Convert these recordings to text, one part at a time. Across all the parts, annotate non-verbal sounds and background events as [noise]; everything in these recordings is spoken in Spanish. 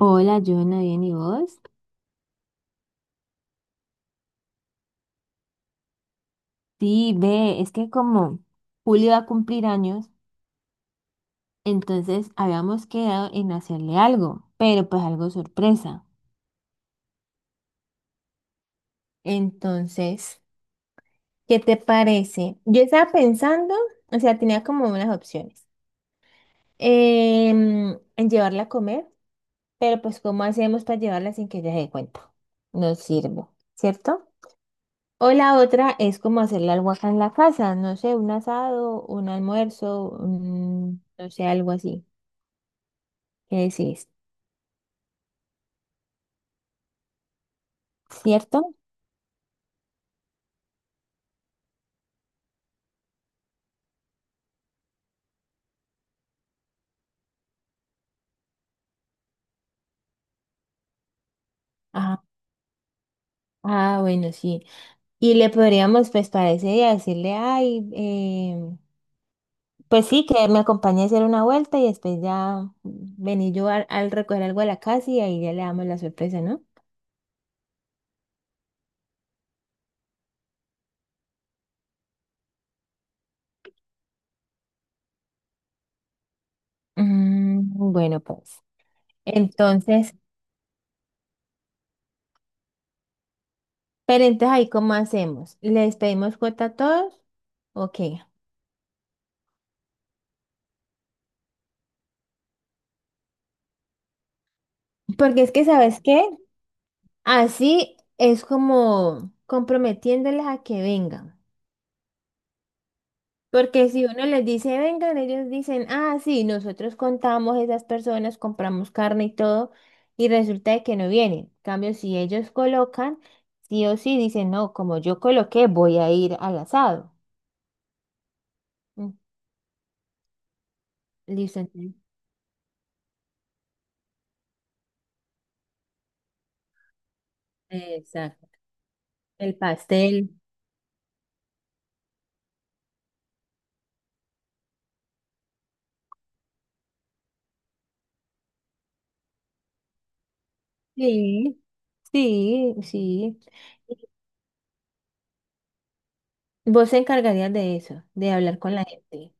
Hola, Joana, ¿bien y vos? Sí, ve, es que como Julio va a cumplir años, entonces habíamos quedado en hacerle algo, pero pues algo sorpresa. Entonces, ¿qué te parece? Yo estaba pensando, o sea, tenía como unas opciones. En llevarla a comer, pero pues ¿cómo hacemos para llevarla sin que ella se dé cuenta? No sirve, ¿cierto? O la otra es como hacerle algo acá en la casa, no sé, un asado, un almuerzo, no sé, algo así. ¿Qué decís? ¿Cierto? Ah, ah, bueno, sí. Y le podríamos, pues, para ese día decirle, ay, pues sí, que me acompañe a hacer una vuelta y después ya vení yo al recoger algo a la casa y ahí ya le damos la sorpresa, ¿no? Mm, bueno, pues. Entonces, pero entonces ahí, ¿cómo hacemos? ¿Les pedimos cuota a todos? Ok. Porque es que, ¿sabes qué? Así es como comprometiéndoles a que vengan. Porque si uno les dice vengan, ellos dicen, ah, sí, nosotros contamos esas personas, compramos carne y todo, y resulta de que no vienen. En cambio, si ellos colocan, sí o sí dicen, no, como yo coloqué, voy a ir al asado. Mm. Listo. Exacto. El pastel. Sí, sí, sí. Vos se encargarías de eso, de hablar con la gente.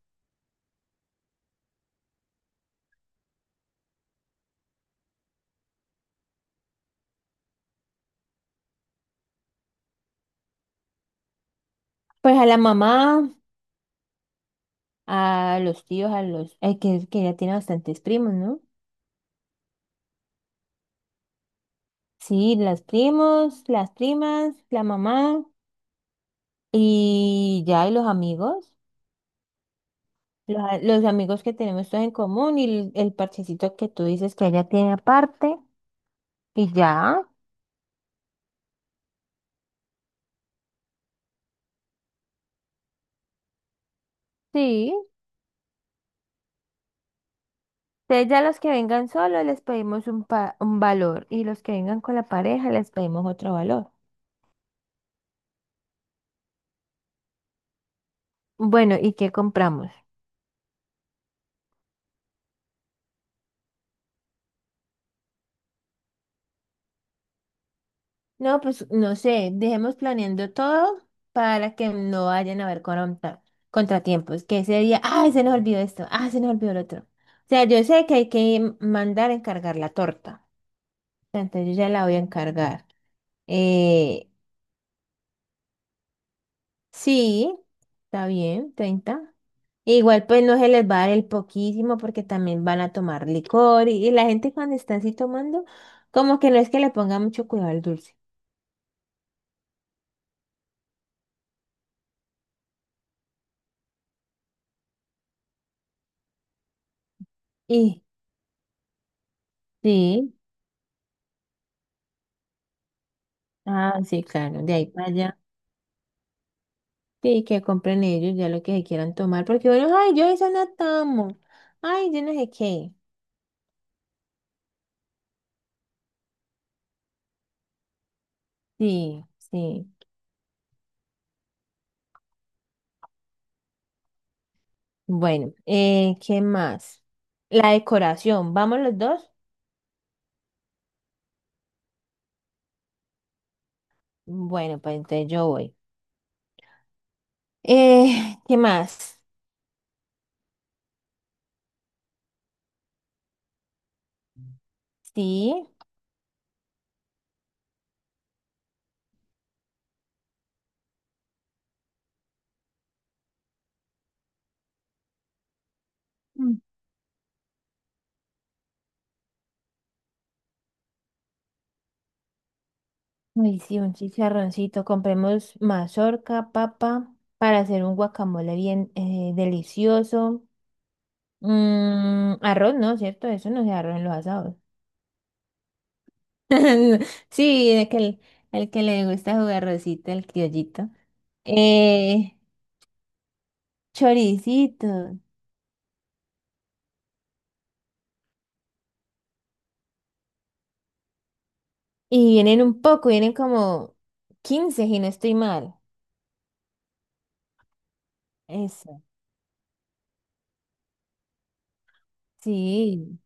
Pues a la mamá, a los tíos, a los... que ya tiene bastantes primos, ¿no? Sí, las primos, las primas, la mamá y ya, y los amigos. Los amigos que tenemos todos en común y el parchecito que tú dices que ella tiene aparte. Y ya, sí. Entonces ya los que vengan solos les pedimos un valor y los que vengan con la pareja les pedimos otro valor. Bueno, ¿y qué compramos? No, pues no sé, dejemos planeando todo para que no vayan a haber contratiempos. Que ese día, ay, se nos olvidó esto, ah, se nos olvidó el otro. O sea, yo sé que hay que mandar a encargar la torta. Entonces yo ya la voy a encargar. Eh, sí, está bien, 30. E igual pues no se les va a dar el poquísimo porque también van a tomar licor y la gente cuando está así tomando, como que no es que le ponga mucho cuidado al dulce. Y sí, ah, sí, claro, de ahí para allá. Sí, que compren ellos ya lo que se quieran tomar, porque bueno, ay, yo eso no tomo, ay, yo no sé qué. Sí, sí. Bueno, ¿qué más? La decoración, ¿vamos los dos? Bueno, pues entonces yo voy. [laughs] ¿Qué más? Sí. Mm. Ay, sí, un chicharroncito. Compremos mazorca, papa, para hacer un guacamole bien delicioso. Mm, arroz, ¿no? ¿Cierto? Eso no se arroz en los asados. [laughs] Sí, de que el que le gusta jugar rosita, el criollito. Eh, Choricito. Y vienen como 15 y no estoy mal. Eso, sí.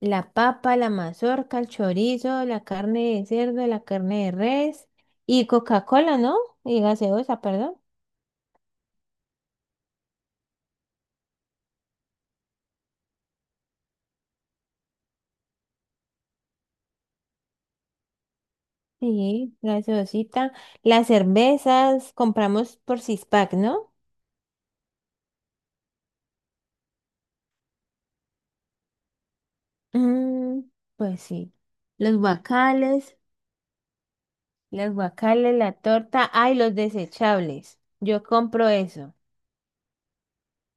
La papa, la mazorca, el chorizo, la carne de cerdo, la carne de res y Coca-Cola, ¿no? Y gaseosa, perdón. Sí, gaseosita. Las cervezas compramos por six pack, ¿no? Mm, pues sí. Los guacales. Las guacales, la torta, ay, los desechables. Yo compro eso.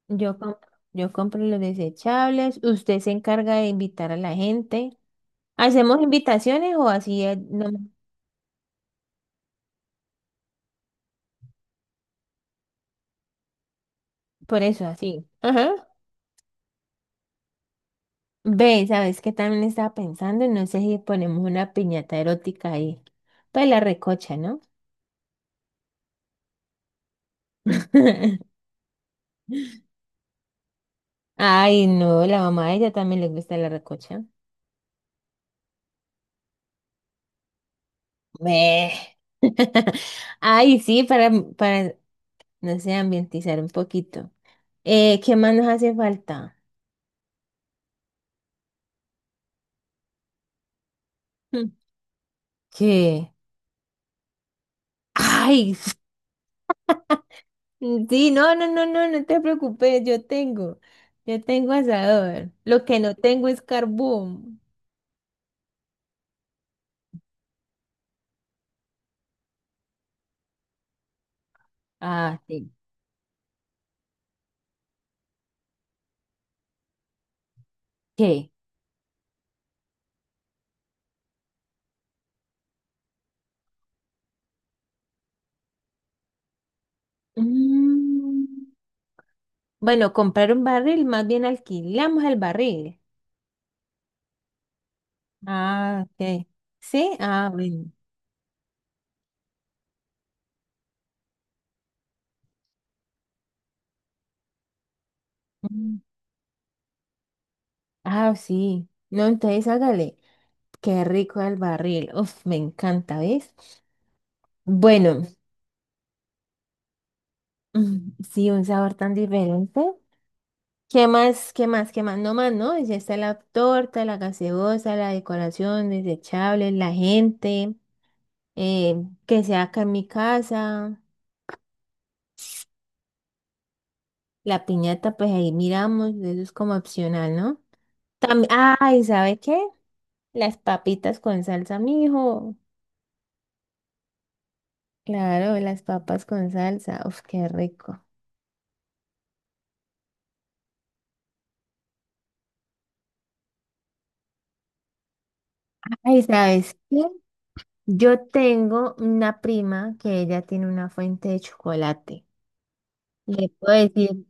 Yo compro, yo compro los desechables. Usted se encarga de invitar a la gente. ¿Hacemos invitaciones o así? No, por eso, así. Ajá. Ve, ¿sabes qué también estaba pensando? No sé si ponemos una piñata erótica ahí. Pues la recocha, ¿no? [laughs] Ay, no, la mamá a ella también le gusta la recocha. Ve. [laughs] Ay, sí, para no sé, ambientizar un poquito. ¿Qué más nos hace falta? Hmm. ¿Qué? ¡Ay! [laughs] Sí, no, no, no, no, no te preocupes, yo tengo asador. Lo que no tengo es carbón. Ah, sí. ¿Qué? Mm, bueno, comprar un barril, más bien alquilamos el barril. Ah, ok. Sí, ah, bueno. Mm. Ah, sí. No, entonces hágale. Qué rico el barril. Uf, me encanta, ¿ves? Bueno. [laughs] Mm, sí, un sabor tan diferente. ¿Qué más? ¿Qué más? ¿Qué más? No más, ¿no? Ya está la torta, la gaseosa, la decoración, desechables, la gente, eh, que sea acá en mi casa, la piñata, pues ahí miramos, eso es como opcional, ¿no? También, ay, ¿sabe qué? Las papitas con salsa, mijo. Claro, las papas con salsa, uf, qué rico. Ay, ¿sabes qué? Yo tengo una prima que ella tiene una fuente de chocolate. Le puedo decir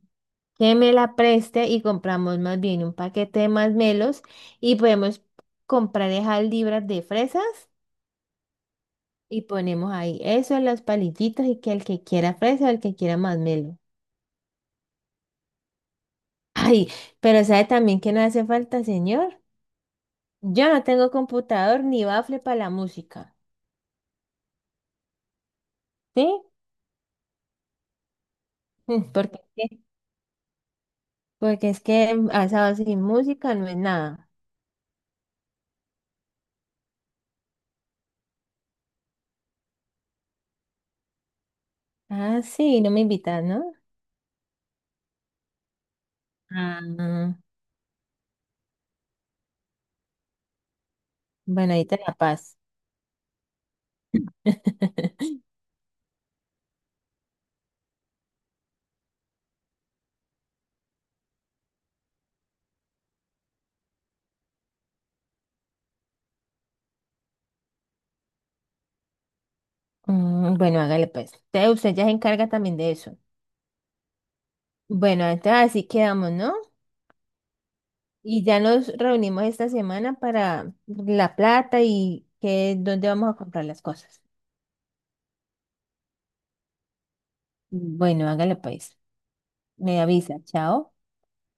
que me la preste y compramos más bien un paquete de masmelos y podemos comprar esas libras de fresas y ponemos ahí eso, las palillitas y que el que quiera fresa o el que quiera masmelo. Ay, pero ¿sabe también que no hace falta, señor? Yo no tengo computador ni bafle para la música, ¿sí? Mm, porque, porque es que a esa sin música no es nada. Ah, sí, no me invitas, ¿no? Ah, bueno, ahí te la paz. [laughs] Mm, bueno, hágale pues. Entonces usted ya se encarga también de eso. Bueno, entonces así quedamos, ¿no? Y ya nos reunimos esta semana para la plata y que dónde vamos a comprar las cosas. Bueno, hágale pues. Me avisa, chao.